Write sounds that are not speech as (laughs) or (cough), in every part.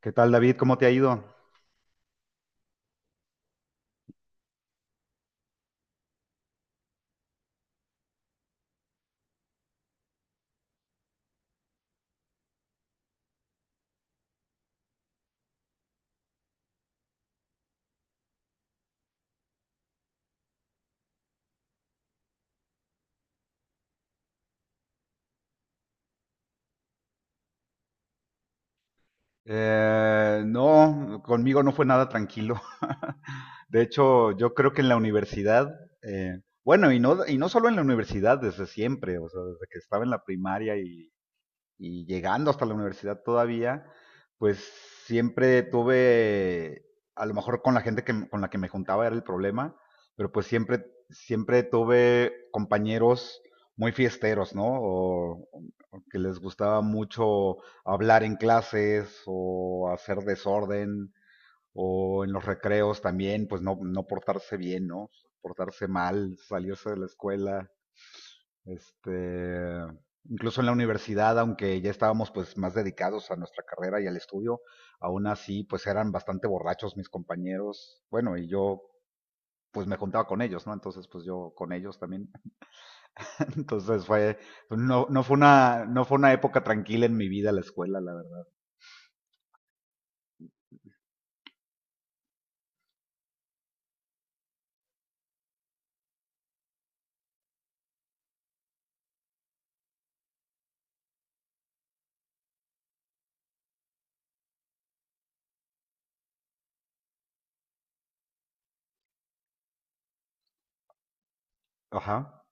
¿Qué tal, David? ¿Cómo te ha ido? No, conmigo no fue nada tranquilo. (laughs) De hecho, yo creo que en la universidad, bueno, y no solo en la universidad, desde siempre, o sea, desde que estaba en la primaria y llegando hasta la universidad todavía, pues siempre tuve, a lo mejor con la gente con la que me juntaba era el problema, pero pues siempre tuve compañeros muy fiesteros, ¿no? O que les gustaba mucho hablar en clases o hacer desorden o en los recreos también, pues no portarse bien, ¿no? Portarse mal, salirse de la escuela. Este, incluso en la universidad, aunque ya estábamos pues más dedicados a nuestra carrera y al estudio, aún así pues eran bastante borrachos mis compañeros, bueno, y yo pues me juntaba con ellos, ¿no? Entonces pues yo con ellos también. (laughs) Entonces fue, no, no fue no fue una época tranquila en mi vida la escuela, la verdad. Ajá.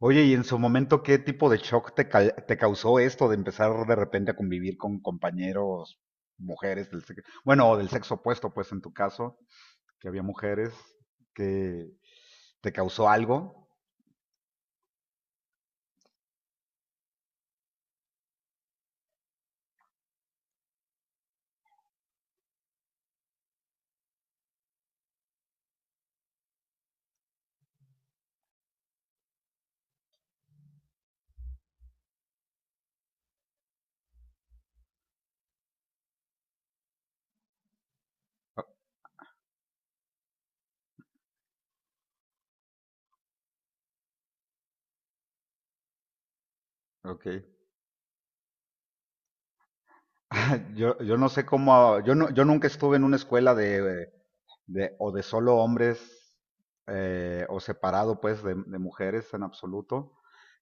Oye, ¿y en su momento qué tipo de shock te causó esto de empezar de repente a convivir con compañeros, mujeres del sexo, bueno, o del sexo opuesto, pues en tu caso? Que había mujeres, que te causó algo. Ok. (laughs) Yo no sé cómo, yo nunca estuve en una escuela de o de solo hombres o separado pues de mujeres en absoluto,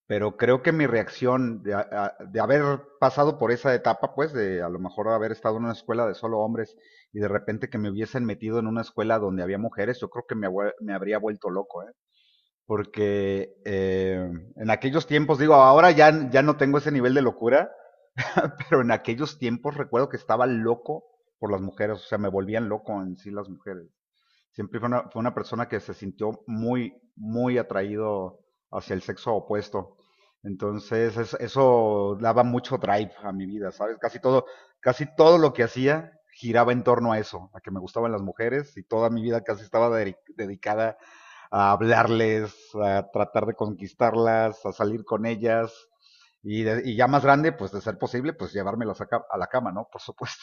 pero creo que mi reacción de haber pasado por esa etapa pues de a lo mejor haber estado en una escuela de solo hombres y de repente que me hubiesen metido en una escuela donde había mujeres, yo creo que me habría vuelto loco, ¿eh? Porque en aquellos tiempos, digo, ahora ya no tengo ese nivel de locura, (laughs) pero en aquellos tiempos recuerdo que estaba loco por las mujeres, o sea, me volvían loco en sí las mujeres. Siempre fue fue una persona que se sintió muy atraído hacia el sexo opuesto. Entonces, eso daba mucho drive a mi vida, ¿sabes? Casi todo lo que hacía giraba en torno a eso, a que me gustaban las mujeres y toda mi vida casi estaba dedicada a hablarles, a tratar de conquistarlas, a salir con ellas y ya más grande, pues de ser posible, pues llevármelas a la cama, ¿no? Por supuesto.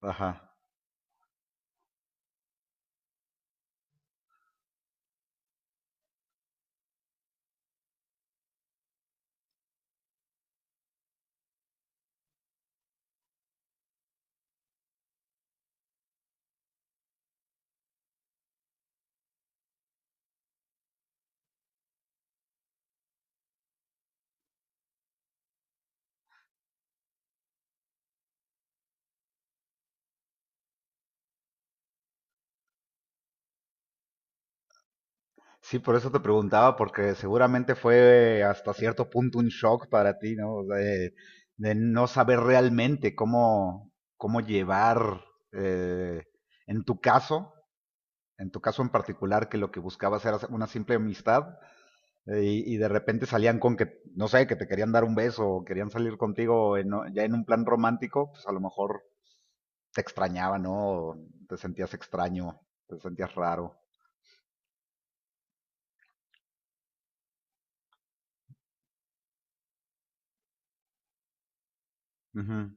(laughs) Ajá. Sí, por eso te preguntaba, porque seguramente fue hasta cierto punto un shock para ti, ¿no? O sea, de no saber realmente cómo, cómo llevar, eh, en tu caso, en tu caso en particular, que lo que buscabas era una simple amistad, y de repente salían con que, no sé, que te querían dar un beso o querían salir contigo en ya en un plan romántico, pues a lo mejor te extrañaba, ¿no? O te sentías extraño, te sentías raro. Ujú,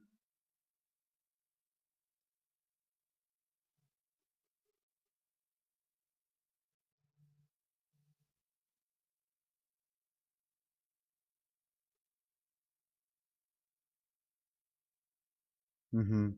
ujú.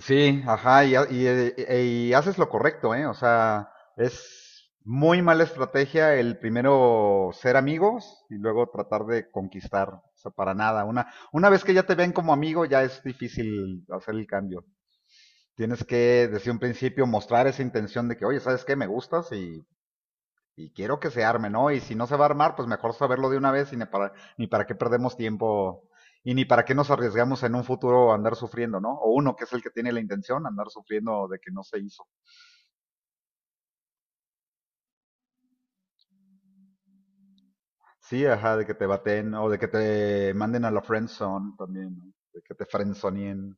Sí, ajá, y haces lo correcto, ¿eh? O sea, es muy mala estrategia el primero ser amigos y luego tratar de conquistar. O sea, para nada. Una vez que ya te ven como amigo, ya es difícil hacer el cambio. Tienes que, desde un principio, mostrar esa intención de que, oye, ¿sabes qué? Me gustas y quiero que se arme, ¿no? Y si no se va a armar, pues mejor saberlo de una vez y ni ni para qué perdemos tiempo y ni para qué nos arriesgamos en un futuro a andar sufriendo, ¿no? O uno que es el que tiene la intención, andar sufriendo de que no se hizo. Sí, ajá, de que te baten o de que te manden a la friendzone también, ¿no? De que te friendzoneen.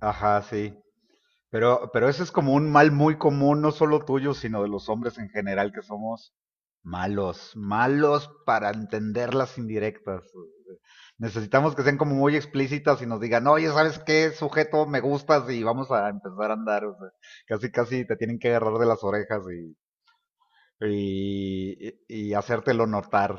Ajá, sí. Pero eso es como un mal muy común, no solo tuyo, sino de los hombres en general, que somos malos para entender las indirectas. Necesitamos que sean como muy explícitas y nos digan, oye, ¿sabes qué sujeto me gustas? Y vamos a empezar a andar. O sea, casi te tienen que agarrar de las orejas y hacértelo notar.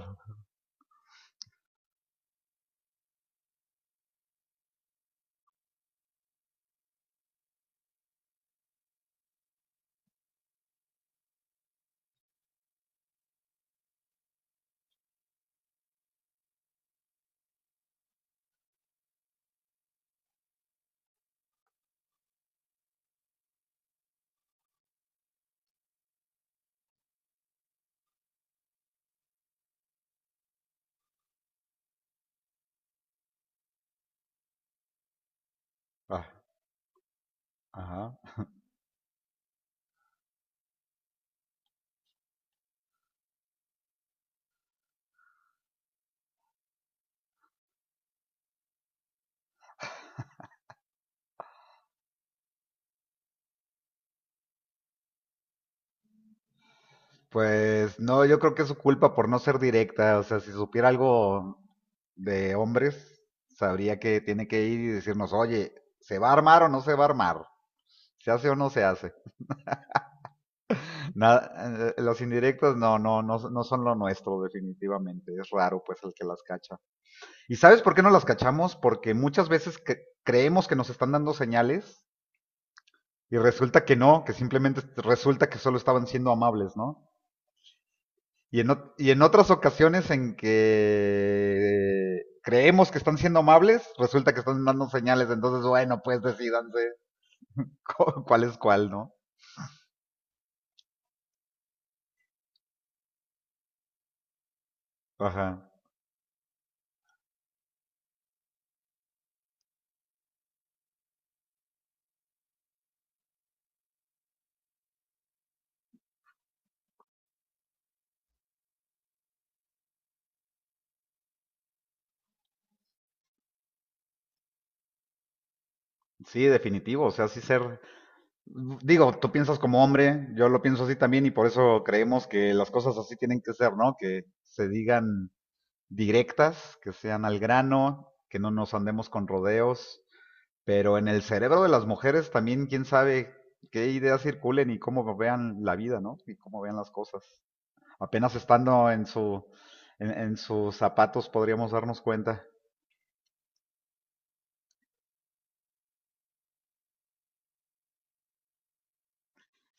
Ah, ajá. Pues no, yo creo que es su culpa por no ser directa. O sea, si supiera algo de hombres, sabría que tiene que ir y decirnos, oye, ¿se va a armar o no se va a armar? ¿Se hace o no se hace? Nada, los indirectos no son lo nuestro, definitivamente. Es raro, pues, el que las cacha. ¿Y sabes por qué no las cachamos? Porque muchas veces creemos que nos están dando señales y resulta que no, que simplemente resulta que solo estaban siendo amables, ¿no? Y en, y en otras ocasiones en que creemos que están siendo amables, resulta que están dando señales. Entonces, bueno, pues decidanse (laughs) cuál es cuál, ¿no? Ajá. Sí, definitivo. O sea, sí ser. Digo, tú piensas como hombre, yo lo pienso así también, y por eso creemos que las cosas así tienen que ser, ¿no? Que se digan directas, que sean al grano, que no nos andemos con rodeos. Pero en el cerebro de las mujeres también, quién sabe qué ideas circulen y cómo vean la vida, ¿no? Y cómo vean las cosas. Apenas estando en en sus zapatos podríamos darnos cuenta.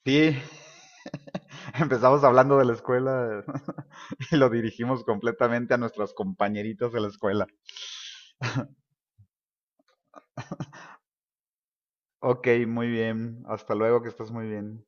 Sí, (laughs) empezamos hablando de la escuela (laughs) y lo dirigimos completamente a nuestras compañeritas de la escuela. Ok, muy bien. Hasta luego, que estés muy bien.